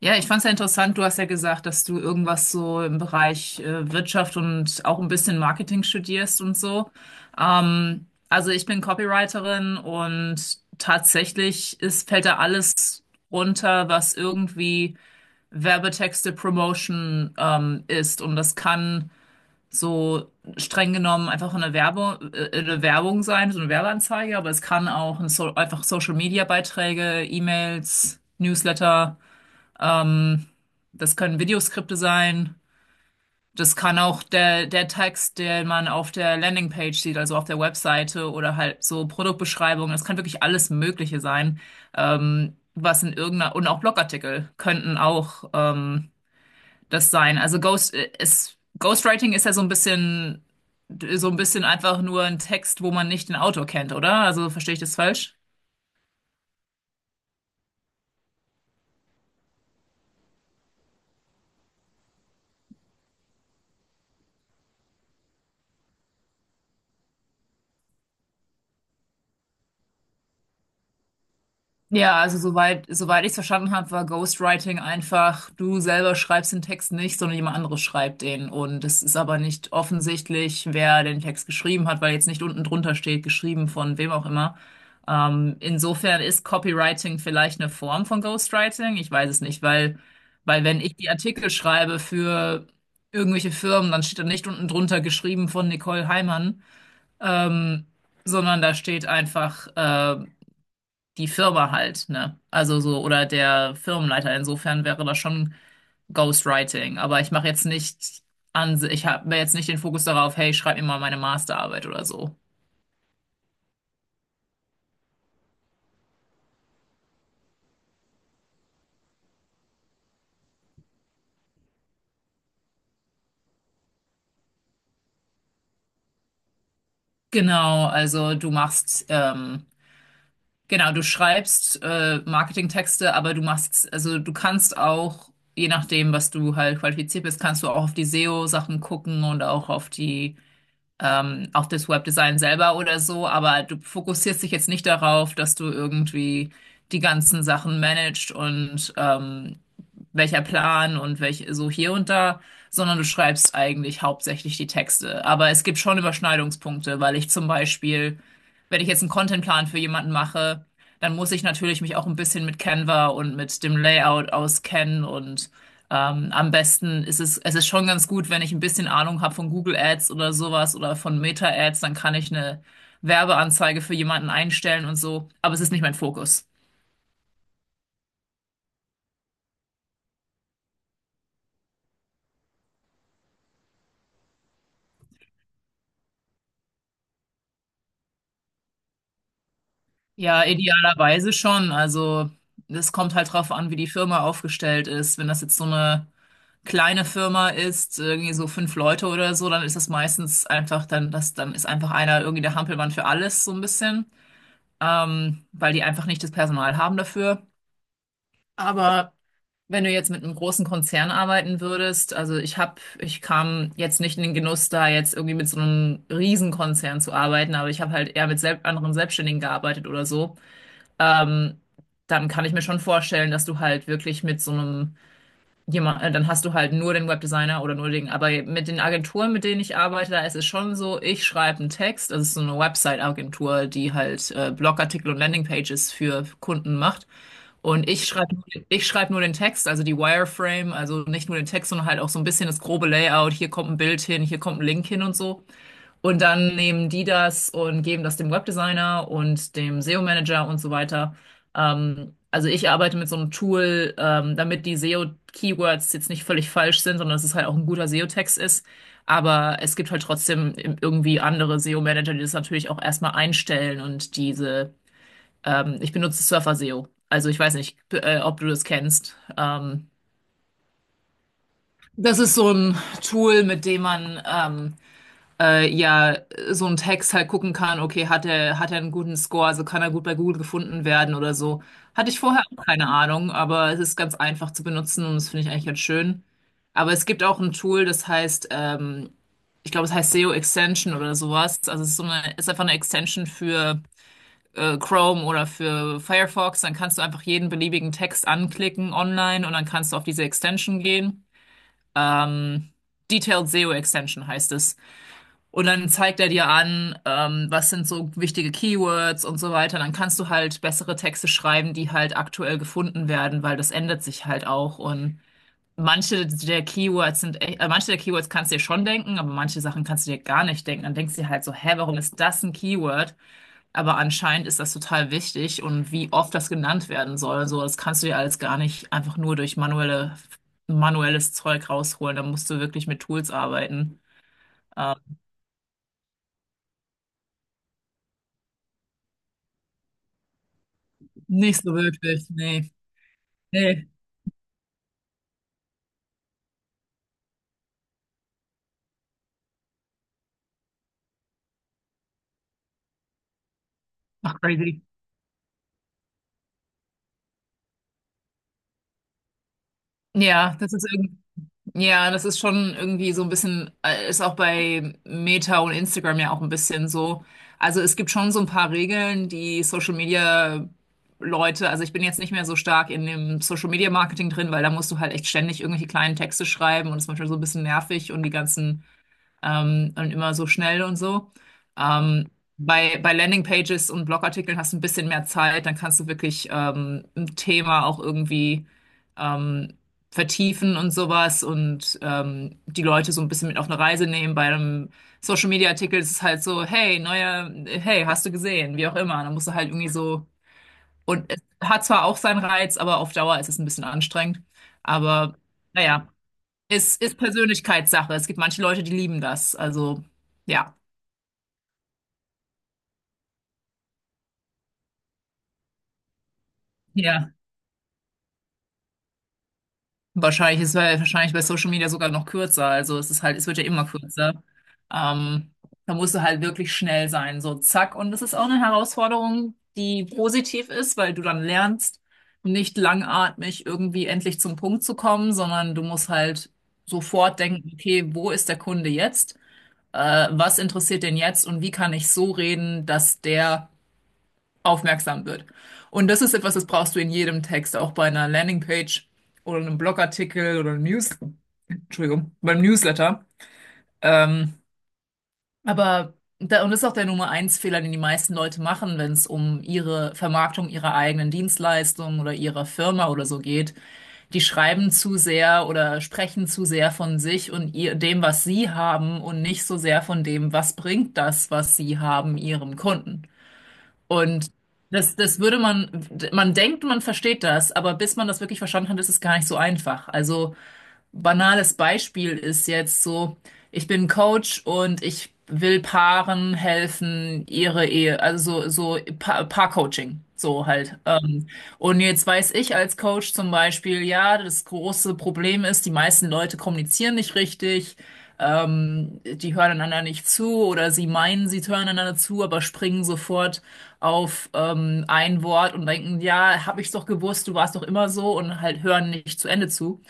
Ja, ich fand es ja interessant. Du hast ja gesagt, dass du irgendwas so im Bereich Wirtschaft und auch ein bisschen Marketing studierst und so. Also ich bin Copywriterin und fällt da alles runter, was irgendwie Werbetexte Promotion ist. Und das kann so streng genommen einfach eine Werbung sein, so eine Werbeanzeige, aber es kann auch ein so einfach Social Media Beiträge, E-Mails, Newsletter. Ähm, Das können Videoskripte sein. Das kann auch der Text, den man auf der Landingpage sieht, also auf der Webseite oder halt so Produktbeschreibungen. Das kann wirklich alles Mögliche sein, was in irgendeiner, und auch Blogartikel könnten auch das sein. Also Ghostwriting ist ja so ein bisschen einfach nur ein Text, wo man nicht den Autor kennt, oder? Also verstehe ich das falsch? Ja, also soweit ich es verstanden habe, war Ghostwriting einfach, du selber schreibst den Text nicht, sondern jemand anderes schreibt den. Und es ist aber nicht offensichtlich, wer den Text geschrieben hat, weil jetzt nicht unten drunter steht, geschrieben von wem auch immer. Insofern ist Copywriting vielleicht eine Form von Ghostwriting. Ich weiß es nicht, weil wenn ich die Artikel schreibe für irgendwelche Firmen, dann steht da nicht unten drunter geschrieben von Nicole Heimann, ähm, sondern da steht einfach die Firma halt, ne? Also so, oder der Firmenleiter. Insofern wäre das schon Ghostwriting. Aber ich mache jetzt nicht an, ich habe jetzt nicht den Fokus darauf, hey, schreib mir mal meine Masterarbeit oder so. Genau, also genau, du schreibst Marketingtexte, aber also du kannst auch, je nachdem, was du halt qualifiziert bist, kannst du auch auf die SEO-Sachen gucken und auch auf die auf das Webdesign selber oder so, aber du fokussierst dich jetzt nicht darauf, dass du irgendwie die ganzen Sachen managst und welcher Plan und welch so hier und da, sondern du schreibst eigentlich hauptsächlich die Texte. Aber es gibt schon Überschneidungspunkte, weil ich zum Beispiel, wenn ich jetzt einen Contentplan für jemanden mache, dann muss ich natürlich mich auch ein bisschen mit Canva und mit dem Layout auskennen und am besten ist es, es ist schon ganz gut, wenn ich ein bisschen Ahnung habe von Google Ads oder sowas oder von Meta Ads, dann kann ich eine Werbeanzeige für jemanden einstellen und so, aber es ist nicht mein Fokus. Ja, idealerweise schon. Also es kommt halt drauf an, wie die Firma aufgestellt ist. Wenn das jetzt so eine kleine Firma ist, irgendwie so 5 Leute oder so, dann ist das meistens einfach dann ist einfach einer irgendwie der Hampelmann für alles so ein bisschen, weil die einfach nicht das Personal haben dafür. Aber wenn du jetzt mit einem großen Konzern arbeiten würdest, also ich kam jetzt nicht in den Genuss da, jetzt irgendwie mit so einem Riesenkonzern zu arbeiten, aber ich habe halt eher mit selb anderen Selbstständigen gearbeitet oder so ähm, dann kann ich mir schon vorstellen, dass du halt wirklich mit so einem dann hast du halt nur den Webdesigner oder nur den, aber mit den Agenturen, mit denen ich arbeite, da ist es schon so, ich schreibe einen Text, das ist so eine Website-Agentur, die halt Blogartikel und Landingpages für Kunden macht. Und ich schreibe nur den Text, also die Wireframe, also nicht nur den Text, sondern halt auch so ein bisschen das grobe Layout. Hier kommt ein Bild hin, hier kommt ein Link hin und so. Und dann nehmen die das und geben das dem Webdesigner und dem SEO-Manager und so weiter. Also ich arbeite mit so einem Tool, damit die SEO-Keywords jetzt nicht völlig falsch sind, sondern dass es halt auch ein guter SEO-Text ist. Aber es gibt halt trotzdem irgendwie andere SEO-Manager, die das natürlich auch erstmal einstellen und ich benutze Surfer SEO. Also ich weiß nicht, ob du das kennst. Das ist so ein Tool, mit dem man ja so ein Text halt gucken kann, okay, hat er einen guten Score, also kann er gut bei Google gefunden werden oder so. Hatte ich vorher auch keine Ahnung, aber es ist ganz einfach zu benutzen und das finde ich eigentlich ganz schön. Aber es gibt auch ein Tool, ich glaube, es heißt SEO Extension oder sowas. Also es ist ist einfach eine Extension für Chrome oder für Firefox. Dann kannst du einfach jeden beliebigen Text anklicken online und dann kannst du auf diese Extension gehen. Ähm, Detailed SEO Extension heißt es. Und dann zeigt er dir an, was sind so wichtige Keywords und so weiter. Dann kannst du halt bessere Texte schreiben, die halt aktuell gefunden werden, weil das ändert sich halt auch. Und manche der Keywords kannst du dir schon denken, aber manche Sachen kannst du dir gar nicht denken. Dann denkst du dir halt so, hä, warum ist das ein Keyword? Aber anscheinend ist das total wichtig und wie oft das genannt werden soll und so, das kannst du dir alles gar nicht einfach nur durch manuelles Zeug rausholen. Da musst du wirklich mit Tools arbeiten. Ähm, Nicht so wirklich, nee. Nee, ach crazy. Ja, das ist irgendwie, ja, das ist schon irgendwie so ein bisschen, ist auch bei Meta und Instagram ja auch ein bisschen so. Also es gibt schon so ein paar Regeln, die Social Media Leute, also ich bin jetzt nicht mehr so stark in dem Social Media Marketing drin, weil da musst du halt echt ständig irgendwelche kleinen Texte schreiben und es ist manchmal so ein bisschen nervig und die ganzen und immer so schnell und so. Ähm, bei Landingpages und Blogartikeln hast du ein bisschen mehr Zeit, dann kannst du wirklich ein Thema auch irgendwie ähm, vertiefen und sowas und die Leute so ein bisschen mit auf eine Reise nehmen. Bei einem Social-Media-Artikel ist es halt so, hey, neuer, hey, hast du gesehen, wie auch immer. Dann musst du halt irgendwie so, und es hat zwar auch seinen Reiz, aber auf Dauer ist es ein bisschen anstrengend. Aber naja. Ist Persönlichkeitssache. Es gibt manche Leute, die lieben das. Also, ja. Ja. Wahrscheinlich ist es wahrscheinlich bei Social Media sogar noch kürzer. Also es ist halt, es wird ja immer kürzer. Ähm, Da musst du halt wirklich schnell sein. So, zack. Und das ist auch eine Herausforderung, die positiv ist, weil du dann lernst, nicht langatmig irgendwie endlich zum Punkt zu kommen, sondern du musst halt sofort denken, okay, wo ist der Kunde jetzt? Was interessiert den jetzt und wie kann ich so reden, dass der aufmerksam wird. Und das ist etwas, das brauchst du in jedem Text, auch bei einer Landingpage oder einem Blogartikel oder Entschuldigung, beim Newsletter. Ähm, aber da, und das ist auch der Nummer eins Fehler, den die meisten Leute machen, wenn es um ihre Vermarktung ihrer eigenen Dienstleistung oder ihrer Firma oder so geht. Die schreiben zu sehr oder sprechen zu sehr von sich und ihr, dem, was sie haben und nicht so sehr von dem, was bringt das, was sie haben, ihrem Kunden. Und das, das würde man, man denkt, man versteht das, aber bis man das wirklich verstanden hat, ist es gar nicht so einfach. Also banales Beispiel ist jetzt so, ich bin Coach und ich will Paaren helfen, ihre Ehe, Paar-Coaching, so halt. Und jetzt weiß ich als Coach zum Beispiel, ja, das große Problem ist, die meisten Leute kommunizieren nicht richtig. Die hören einander nicht zu oder sie meinen, sie hören einander zu, aber springen sofort auf ein Wort und denken, ja, hab ich's doch gewusst, du warst doch immer so und halt hören nicht zu Ende zu.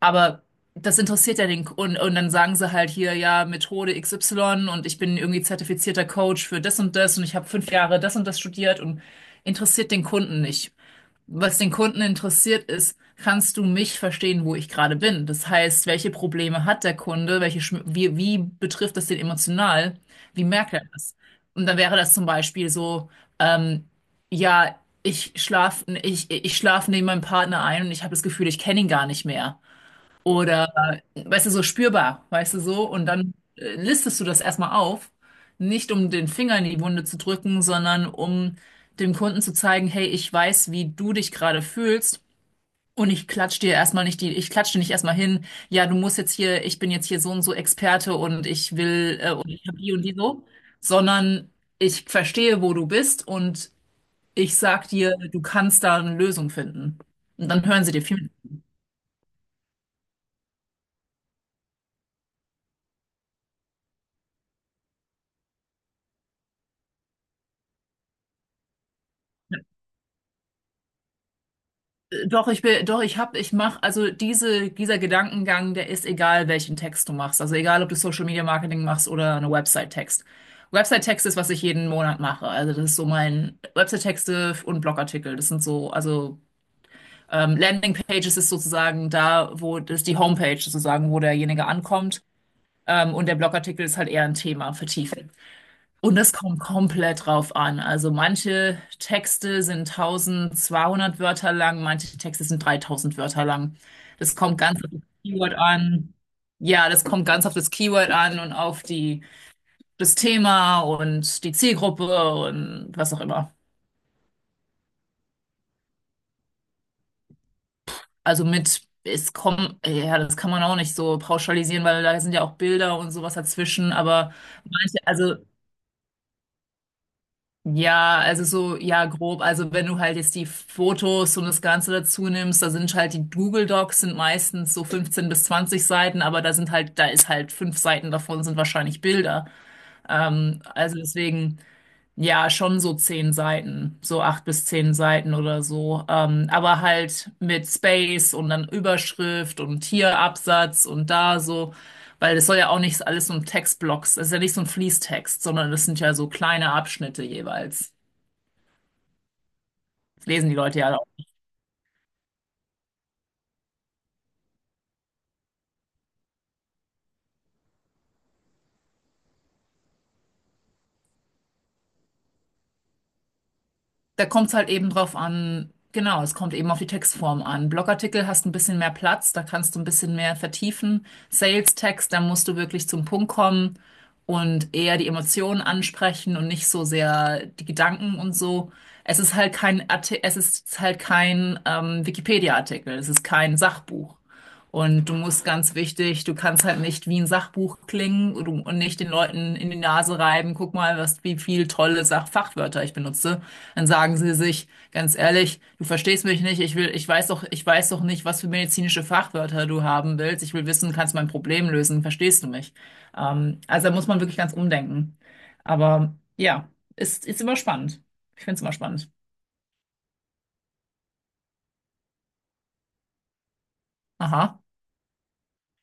Aber das interessiert ja und dann sagen sie halt hier, ja, Methode XY und ich bin irgendwie zertifizierter Coach für das und das und ich habe 5 Jahre das und das studiert und interessiert den Kunden nicht. Was den Kunden interessiert ist, kannst du mich verstehen, wo ich gerade bin? Das heißt, welche Probleme hat der Kunde? Wie betrifft das den emotional? Wie merkt er das? Und dann wäre das zum Beispiel so, ähm, ja, ich schlaf neben meinem Partner ein und ich habe das Gefühl, ich kenne ihn gar nicht mehr. Oder, weißt du, so spürbar, weißt du, so. Und dann listest du das erstmal auf. Nicht um den Finger in die Wunde zu drücken, sondern um dem Kunden zu zeigen, hey, ich weiß, wie du dich gerade fühlst. Und ich klatsch dir nicht erstmal hin, ja, du musst jetzt hier, ich bin jetzt hier so und so Experte und und ich hab die und die so, sondern ich verstehe, wo du bist und ich sag dir, du kannst da eine Lösung finden. Und dann hören sie dir viel Doch, doch, ich hab, ich mach, also dieser Gedankengang, der ist egal, welchen Text du machst. Also egal, ob du Social Media Marketing machst oder eine Website-Text. Website-Text ist, was ich jeden Monat mache. Also das ist so mein Website-Texte und Blogartikel. Das sind so, also Landing-Pages ist sozusagen da, wo das ist die Homepage sozusagen, wo derjenige ankommt. Und der Blogartikel ist halt eher ein Thema vertieft. Und das kommt komplett drauf an. Also manche Texte sind 1200 Wörter lang, manche Texte sind 3000 Wörter lang. Das kommt ganz auf das Keyword an. Ja, das kommt ganz auf das Keyword an und das Thema und die Zielgruppe und was auch immer. Ja, das kann man auch nicht so pauschalisieren, weil da sind ja auch Bilder und sowas dazwischen, aber also ja, also so, ja, grob. Also wenn du halt jetzt die Fotos und das Ganze dazu nimmst, da sind halt die Google Docs sind meistens so 15 bis 20 Seiten, aber da ist halt 5 Seiten davon sind wahrscheinlich Bilder. Ähm, also deswegen, ja, schon so 10 Seiten, so 8 bis 10 Seiten oder so. Aber halt mit Space und dann Überschrift und hier Absatz und da so. Weil das soll ja auch nicht alles so ein Textblock. Das ist ja nicht so ein Fließtext, sondern das sind ja so kleine Abschnitte jeweils. Das lesen die Leute ja. Da kommt es halt eben drauf an, genau, es kommt eben auf die Textform an. Blogartikel hast ein bisschen mehr Platz, da kannst du ein bisschen mehr vertiefen. Sales-Text, da musst du wirklich zum Punkt kommen und eher die Emotionen ansprechen und nicht so sehr die Gedanken und so. Es ist halt kein Wikipedia-Artikel, es ist kein Sachbuch. Und du musst ganz wichtig, du kannst halt nicht wie ein Sachbuch klingen und nicht den Leuten in die Nase reiben, guck mal, was, wie viel tolle Sach Fachwörter ich benutze, dann sagen sie sich, ganz ehrlich, du verstehst mich nicht, ich weiß doch nicht, was für medizinische Fachwörter du haben willst. Ich will wissen, kannst du mein Problem lösen, verstehst du mich? Also da muss man wirklich ganz umdenken. Aber ja, ist immer spannend. Ich finde es immer spannend. Aha.